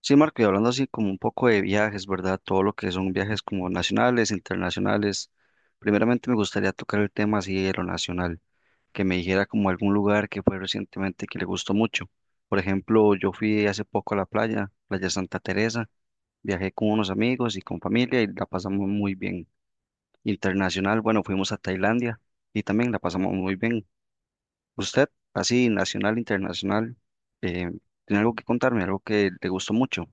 Sí, Marco, y hablando así como un poco de viajes, ¿verdad? Todo lo que son viajes como nacionales, internacionales. Primeramente me gustaría tocar el tema así de lo nacional, que me dijera como algún lugar que fue recientemente que le gustó mucho. Por ejemplo, yo fui hace poco a la playa, Playa Santa Teresa, viajé con unos amigos y con familia y la pasamos muy bien. Internacional, bueno, fuimos a Tailandia y también la pasamos muy bien. ¿Usted, así nacional, internacional, eh, tiene algo que contarme, algo que le gustó mucho?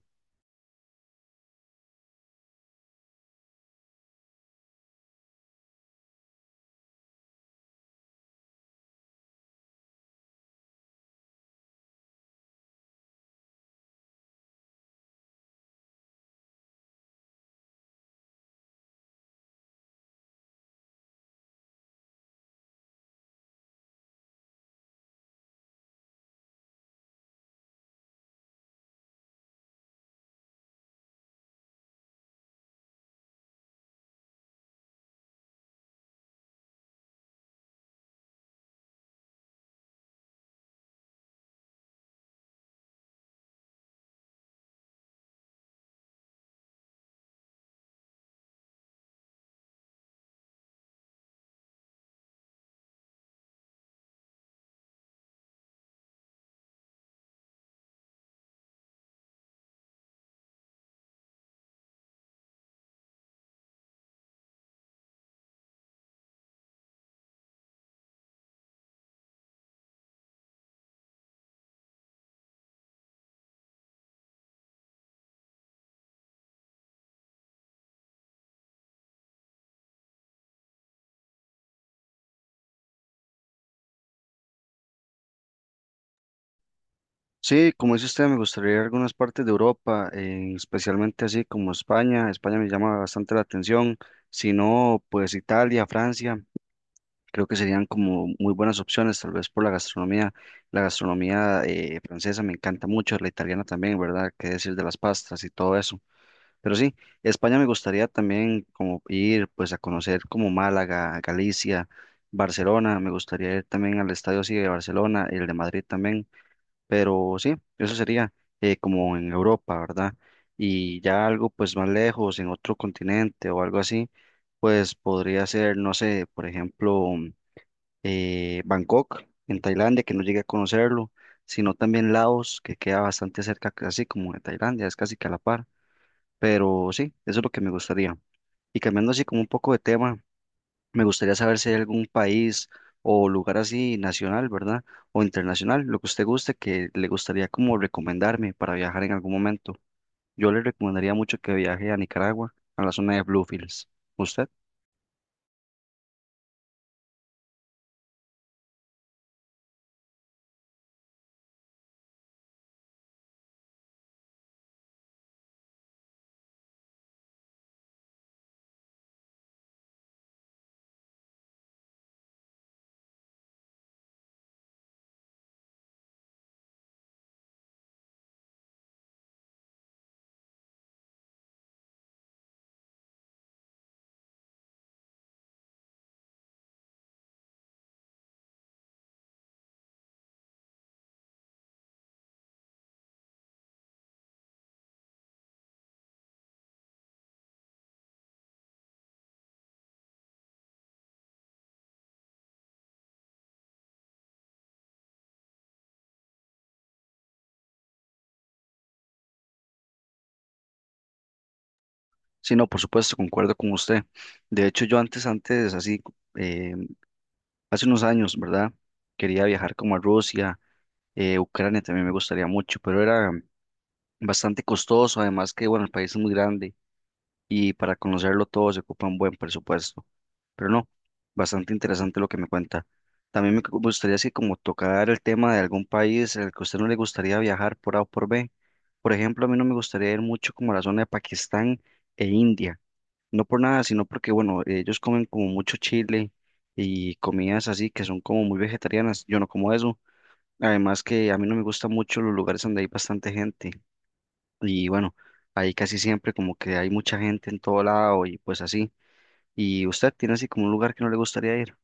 Sí, como dice usted, me gustaría ir a algunas partes de Europa, especialmente así como España. España me llama bastante la atención. Si no, pues Italia, Francia, creo que serían como muy buenas opciones, tal vez por la gastronomía. La gastronomía francesa me encanta mucho, la italiana también, ¿verdad? Qué decir de las pastas y todo eso. Pero sí, España me gustaría también como ir pues a conocer como Málaga, Galicia, Barcelona. Me gustaría ir también al estadio así de Barcelona, el de Madrid también. Pero sí, eso sería como en Europa, ¿verdad? Y ya algo pues más lejos, en otro continente o algo así, pues podría ser, no sé, por ejemplo, Bangkok, en Tailandia, que no llegué a conocerlo, sino también Laos, que queda bastante cerca, así como de Tailandia, es casi que a la par. Pero sí, eso es lo que me gustaría. Y cambiando así como un poco de tema. Me gustaría saber si hay algún país o lugar así nacional, ¿verdad? O internacional, lo que usted guste, que le gustaría como recomendarme para viajar en algún momento. Yo le recomendaría mucho que viaje a Nicaragua, a la zona de Bluefields. ¿Usted? Sí, no, por supuesto, concuerdo con usted. De hecho, yo antes, así, eh, hace unos años, ¿verdad? Quería viajar como a Rusia, Ucrania también me gustaría mucho, pero era bastante costoso, además que, bueno, el país es muy grande y para conocerlo todo se ocupa un buen presupuesto. Pero no, bastante interesante lo que me cuenta. También gustaría así como tocar el tema de algún país al que a usted no le gustaría viajar por A o por B. Por ejemplo, a mí no me gustaría ir mucho como a la zona de Pakistán e India. No por nada, sino porque, bueno, ellos comen como mucho chile y comidas así que son como muy vegetarianas. Yo no como eso. Además que a mí no me gustan mucho los lugares donde hay bastante gente. Y bueno, ahí casi siempre como que hay mucha gente en todo lado y pues así. ¿Y usted tiene así como un lugar que no le gustaría ir?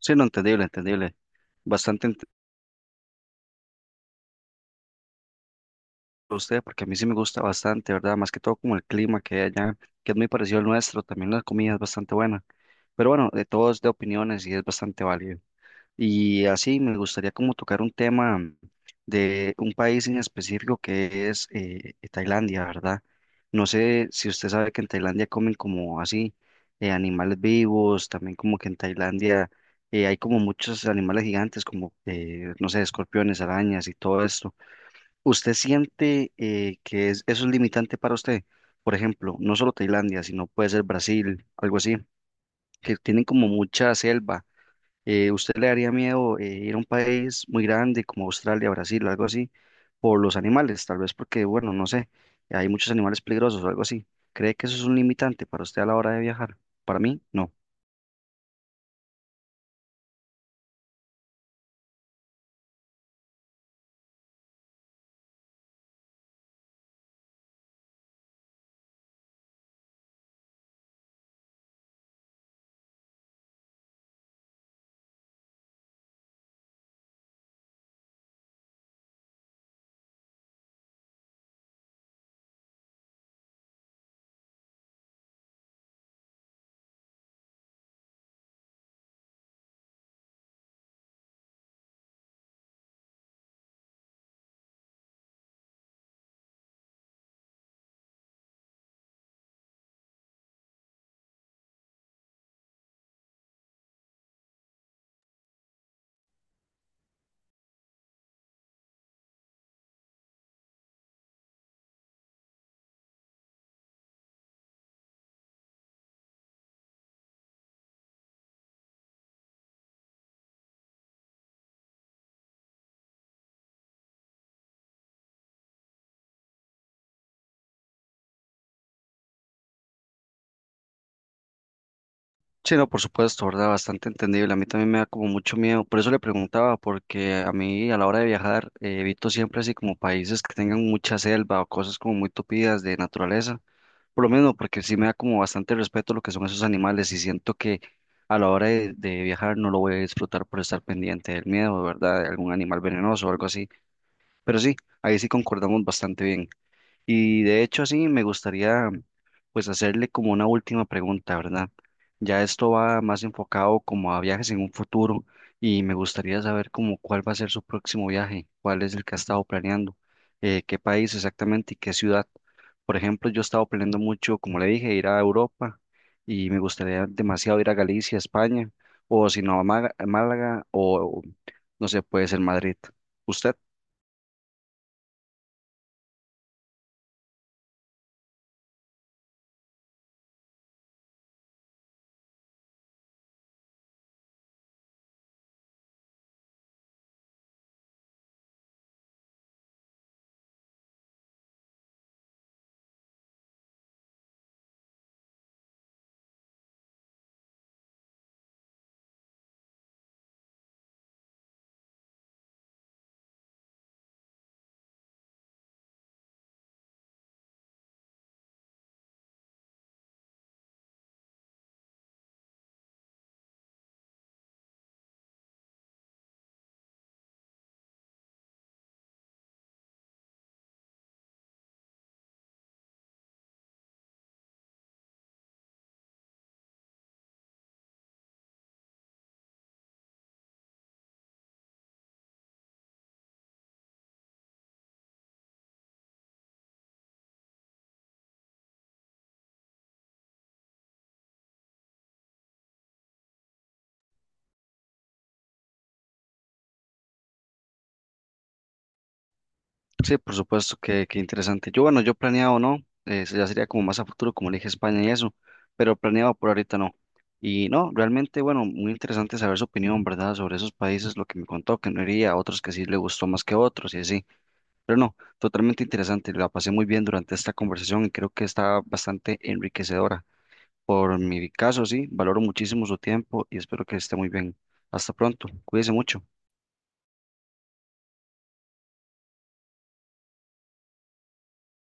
Sí, no, entendible, entendible. Bastante ent- Usted, porque a mí sí me gusta bastante, ¿verdad? Más que todo como el clima que hay allá, que es muy parecido al nuestro, también la comida es bastante buena. Pero bueno, de todos de opiniones y es bastante válido. Y así me gustaría como tocar un tema de un país en específico que es Tailandia, ¿verdad? No sé si usted sabe que en Tailandia comen como así animales vivos, también como que en Tailandia hay como muchos animales gigantes como, no sé, escorpiones, arañas y todo esto. ¿Usted siente que eso es limitante para usted? Por ejemplo, no solo Tailandia, sino puede ser Brasil, algo así, que tienen como mucha selva. ¿Usted le daría miedo ir a un país muy grande como Australia, Brasil, algo así, por los animales? Tal vez porque, bueno, no sé, hay muchos animales peligrosos o algo así. ¿Cree que eso es un limitante para usted a la hora de viajar? Para mí, no. Sí, no, por supuesto, ¿verdad? Bastante entendible. A mí también me da como mucho miedo. Por eso le preguntaba, porque a mí a la hora de viajar evito siempre así como países que tengan mucha selva o cosas como muy tupidas de naturaleza. Por lo menos porque sí me da como bastante respeto lo que son esos animales y siento que a la hora de viajar no lo voy a disfrutar por estar pendiente del miedo, ¿verdad? De algún animal venenoso o algo así. Pero sí, ahí sí concordamos bastante bien. Y de hecho, sí, me gustaría pues hacerle como una última pregunta, ¿verdad? Ya esto va más enfocado como a viajes en un futuro y me gustaría saber como cuál va a ser su próximo viaje, cuál es el que ha estado planeando, qué país exactamente y qué ciudad. Por ejemplo, yo he estado planeando mucho, como le dije, ir a Europa y me gustaría demasiado ir a Galicia, España, o si no, a a Málaga o, no sé, puede ser Madrid. ¿Usted? Sí, por supuesto, que qué interesante. Yo, bueno, yo planeado no, ya sería como más a futuro, como le dije España y eso, pero planeado por ahorita no. Y no, realmente, bueno, muy interesante saber su opinión, ¿verdad? Sobre esos países, lo que me contó, que no iría, otros que sí le gustó más que otros y así. Pero no, totalmente interesante, la pasé muy bien durante esta conversación y creo que está bastante enriquecedora. Por mi caso, sí, valoro muchísimo su tiempo y espero que esté muy bien. Hasta pronto, cuídese mucho.